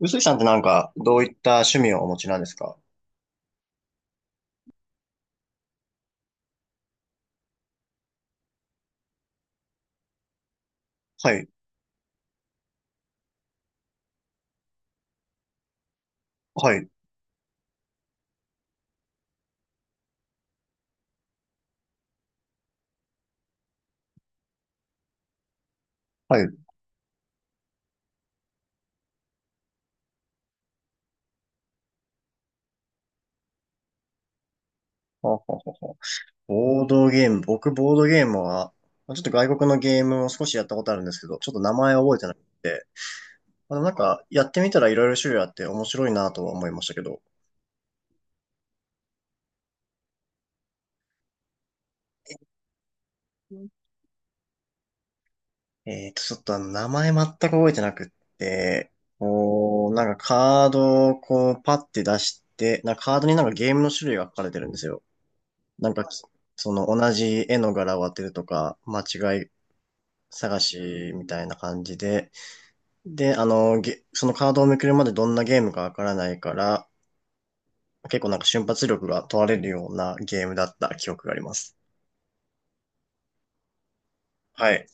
臼井さんってどういった趣味をお持ちなんですか？はい、はい、はい。ほうほうほうほう。ボードゲーム、僕ボードゲームはちょっと外国のゲームを少しやったことあるんですけど、ちょっと名前覚えてなくて、まあのなんか、やってみたらいろいろ種類あって面白いなとは思いましたけど、えーと、ちょっとあの、名前全く覚えてなくって、こう、カードをこう、パッて出して、なんかカードになんかゲームの種類が書かれてるんですよ。なんか、その同じ絵の柄を当てるとか、間違い探しみたいな感じで、で、あの、ゲそのカードをめくるまでどんなゲームかわからないから、結構なんか瞬発力が問われるようなゲームだった記憶があります。はい。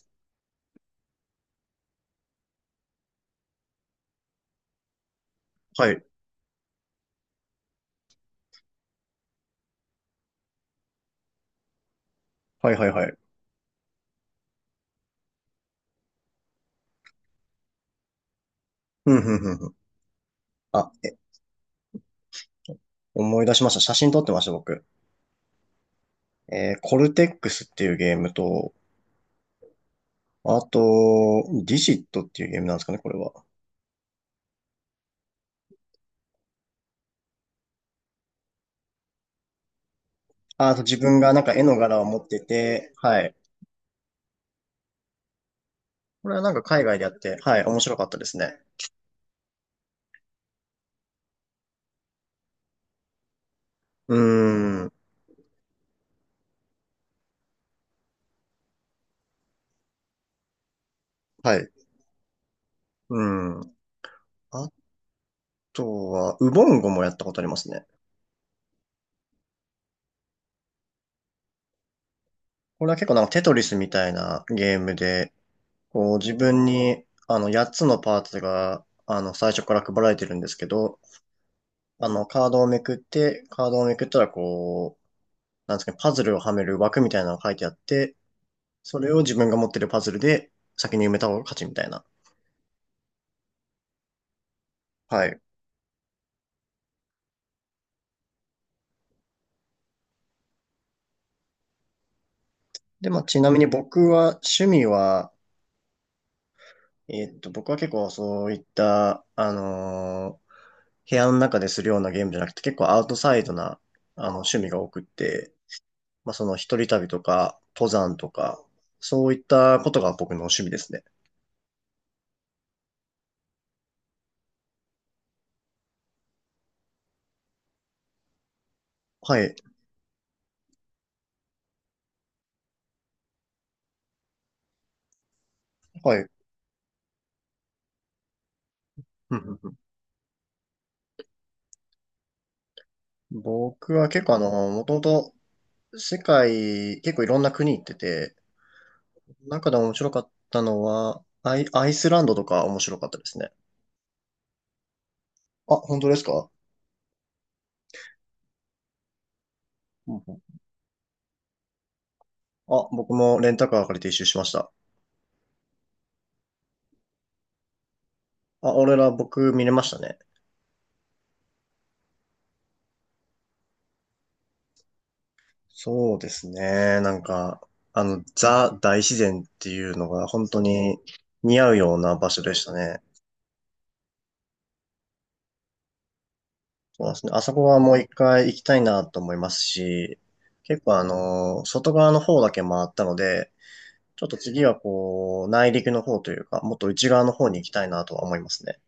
はい。はいはいはい。ふんふんふんふん。あ、え、思い出しました。写真撮ってました、僕。えーコルテックスっていうゲームと、あと、ディジットっていうゲームなんですかね、これは。あ、あと自分がなんか絵の柄を持ってて、はい。これはなんか海外でやって、はい、面白かったですね。うーん。はい。うん。あとは、ウボンゴもやったことありますね。これは結構なんかテトリスみたいなゲームで、こう自分にあの8つのパーツがあの最初から配られてるんですけど、あのカードをめくって、カードをめくったらこう、なんですかね、パズルをはめる枠みたいなのが書いてあって、それを自分が持ってるパズルで先に埋めた方が勝ちみたいな。はい。で、まあちなみに僕は趣味は、えーっと、僕は結構そういった、あのー部屋の中でするようなゲームじゃなくて、結構アウトサイドな、あの、趣味が多くって、まあ、その一人旅とか、登山とか、そういったことが僕の趣味ですね。はい、はい。うんうんうん。僕は結構あの、もともと世界、結構いろんな国行ってて、中で面白かったのは、アイスランドとか面白かったですね。あ、本当ですか？うんうん。あ、僕もレンタカー借りて一周しました。あ、僕見れましたね。そうですね。なんか、あの、ザ大自然っていうのが本当に似合うような場所でしたね。そうですね。あそこはもう一回行きたいなと思いますし、結構あの、外側の方だけ回ったので、ちょっと次はこう、内陸の方というか、もっと内側の方に行きたいなとは思いますね。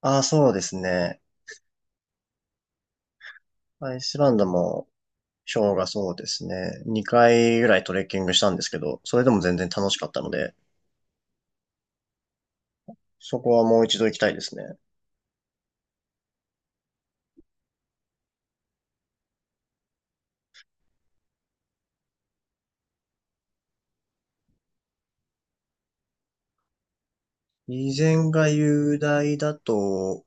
ああ、そうですね。アイスランドも、ショーがそうですね。2回ぐらいトレッキングしたんですけど、それでも全然楽しかったので、そこはもう一度行きたいですね。以前が雄大だと、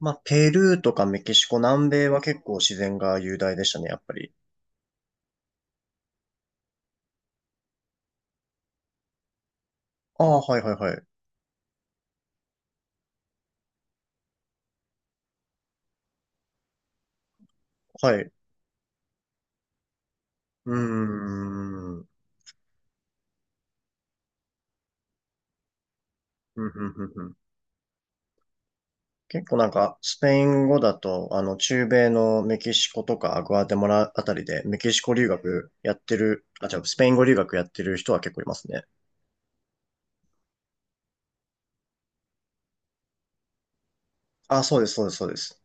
まあ、ペルーとかメキシコ、南米は結構自然が雄大でしたね、やっぱり。ああ、はいはいはい。はい。うーん。ふんふんふんふん。結構なんか、スペイン語だと、あの、中米のメキシコとかグアテマラあたりで、メキシコ留学やってる、あ、じゃあ、スペイン語留学やってる人は結構いますね。あ、そうです、そうです、そうです。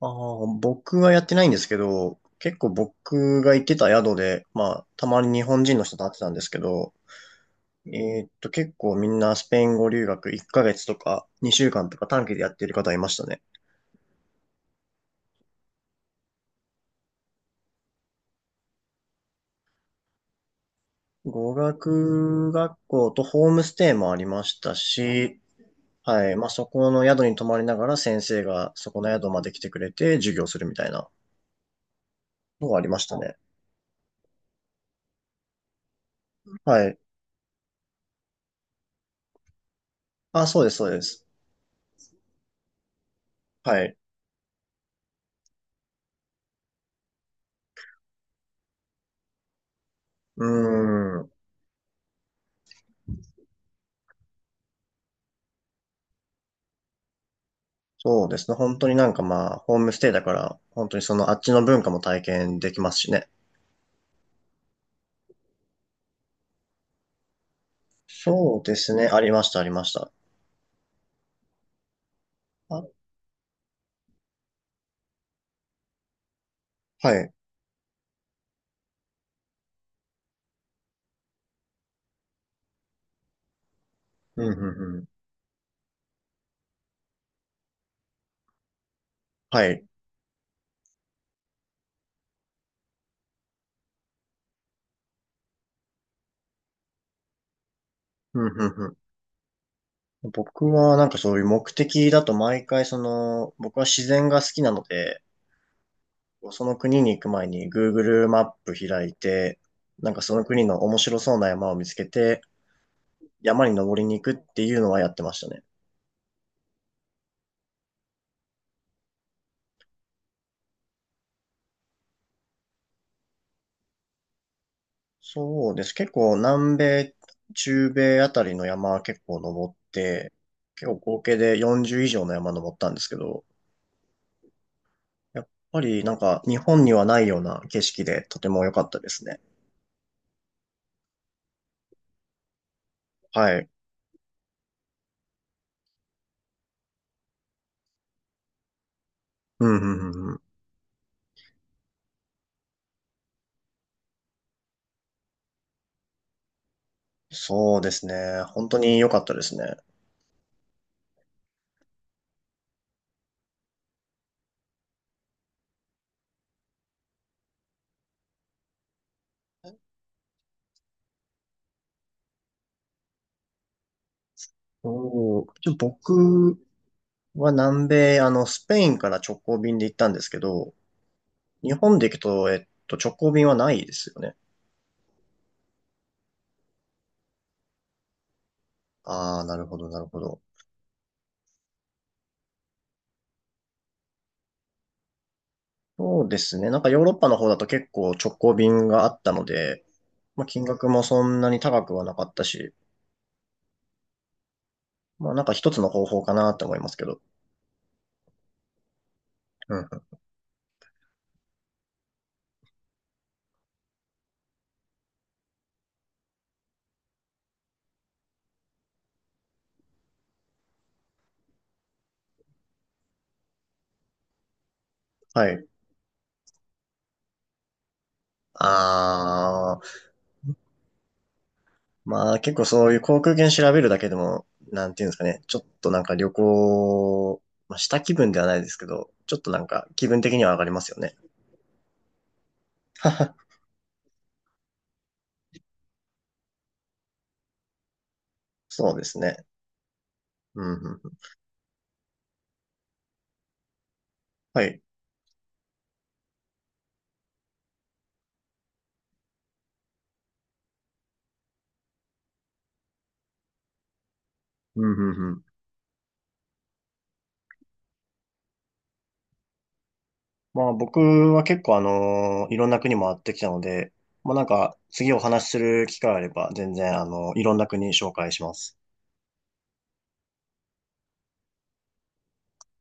ああ、僕はやってないんですけど、結構僕が行ってた宿で、まあ、たまに日本人の人と会ってたんですけど、えーっと、結構みんなスペイン語留学1ヶ月とか2週間とか短期でやってる方いましたね。語学学校とホームステイもありましたし、はい、まあそこの宿に泊まりながら先生がそこの宿まで来てくれて授業するみたいなのがありましたね。はい。あ、そうです、そうです。はい。うーん。そうですね。本当になんかまあ、ホームステイだから、本当にそのあっちの文化も体験できますしね。そうですね。ありました、ありました。あ、はい。うん、うん、うん。はい。うん、うん、うん。僕はなんかそういう目的だと毎回その、僕は自然が好きなので、その国に行く前に Google マップ開いて、なんかその国の面白そうな山を見つけて、山に登りに行くっていうのはやってましたね。そうです。結構南米、中米あたりの山は結構登って、結構合計で40以上の山登ったんですけど、やっぱりなんか日本にはないような景色でとても良かったですね。はい。うん、うん、うんうん。そうですね。本当に良かったですね。おーちょ僕は南米、あの、スペインから直行便で行ったんですけど、日本で行くと、えっと、直行便はないですよね。ああ、なるほど、なるほど。そうですね。なんかヨーロッパの方だと結構直行便があったので、まあ、金額もそんなに高くはなかったし、まあなんか一つの方法かなって思いますけど。うんうん。はい。あー、まあ結構そういう航空券調べるだけでも、なんていうんですかね。ちょっとなんか旅行、まあ、した気分ではないですけど、ちょっとなんか気分的には上がりますよね。そうですね。うんうんうん。はい。うんうんうん。まあ僕は結構あの、いろんな国回ってきたので、まあなんか次お話しする機会あれば全然あの、いろんな国紹介します。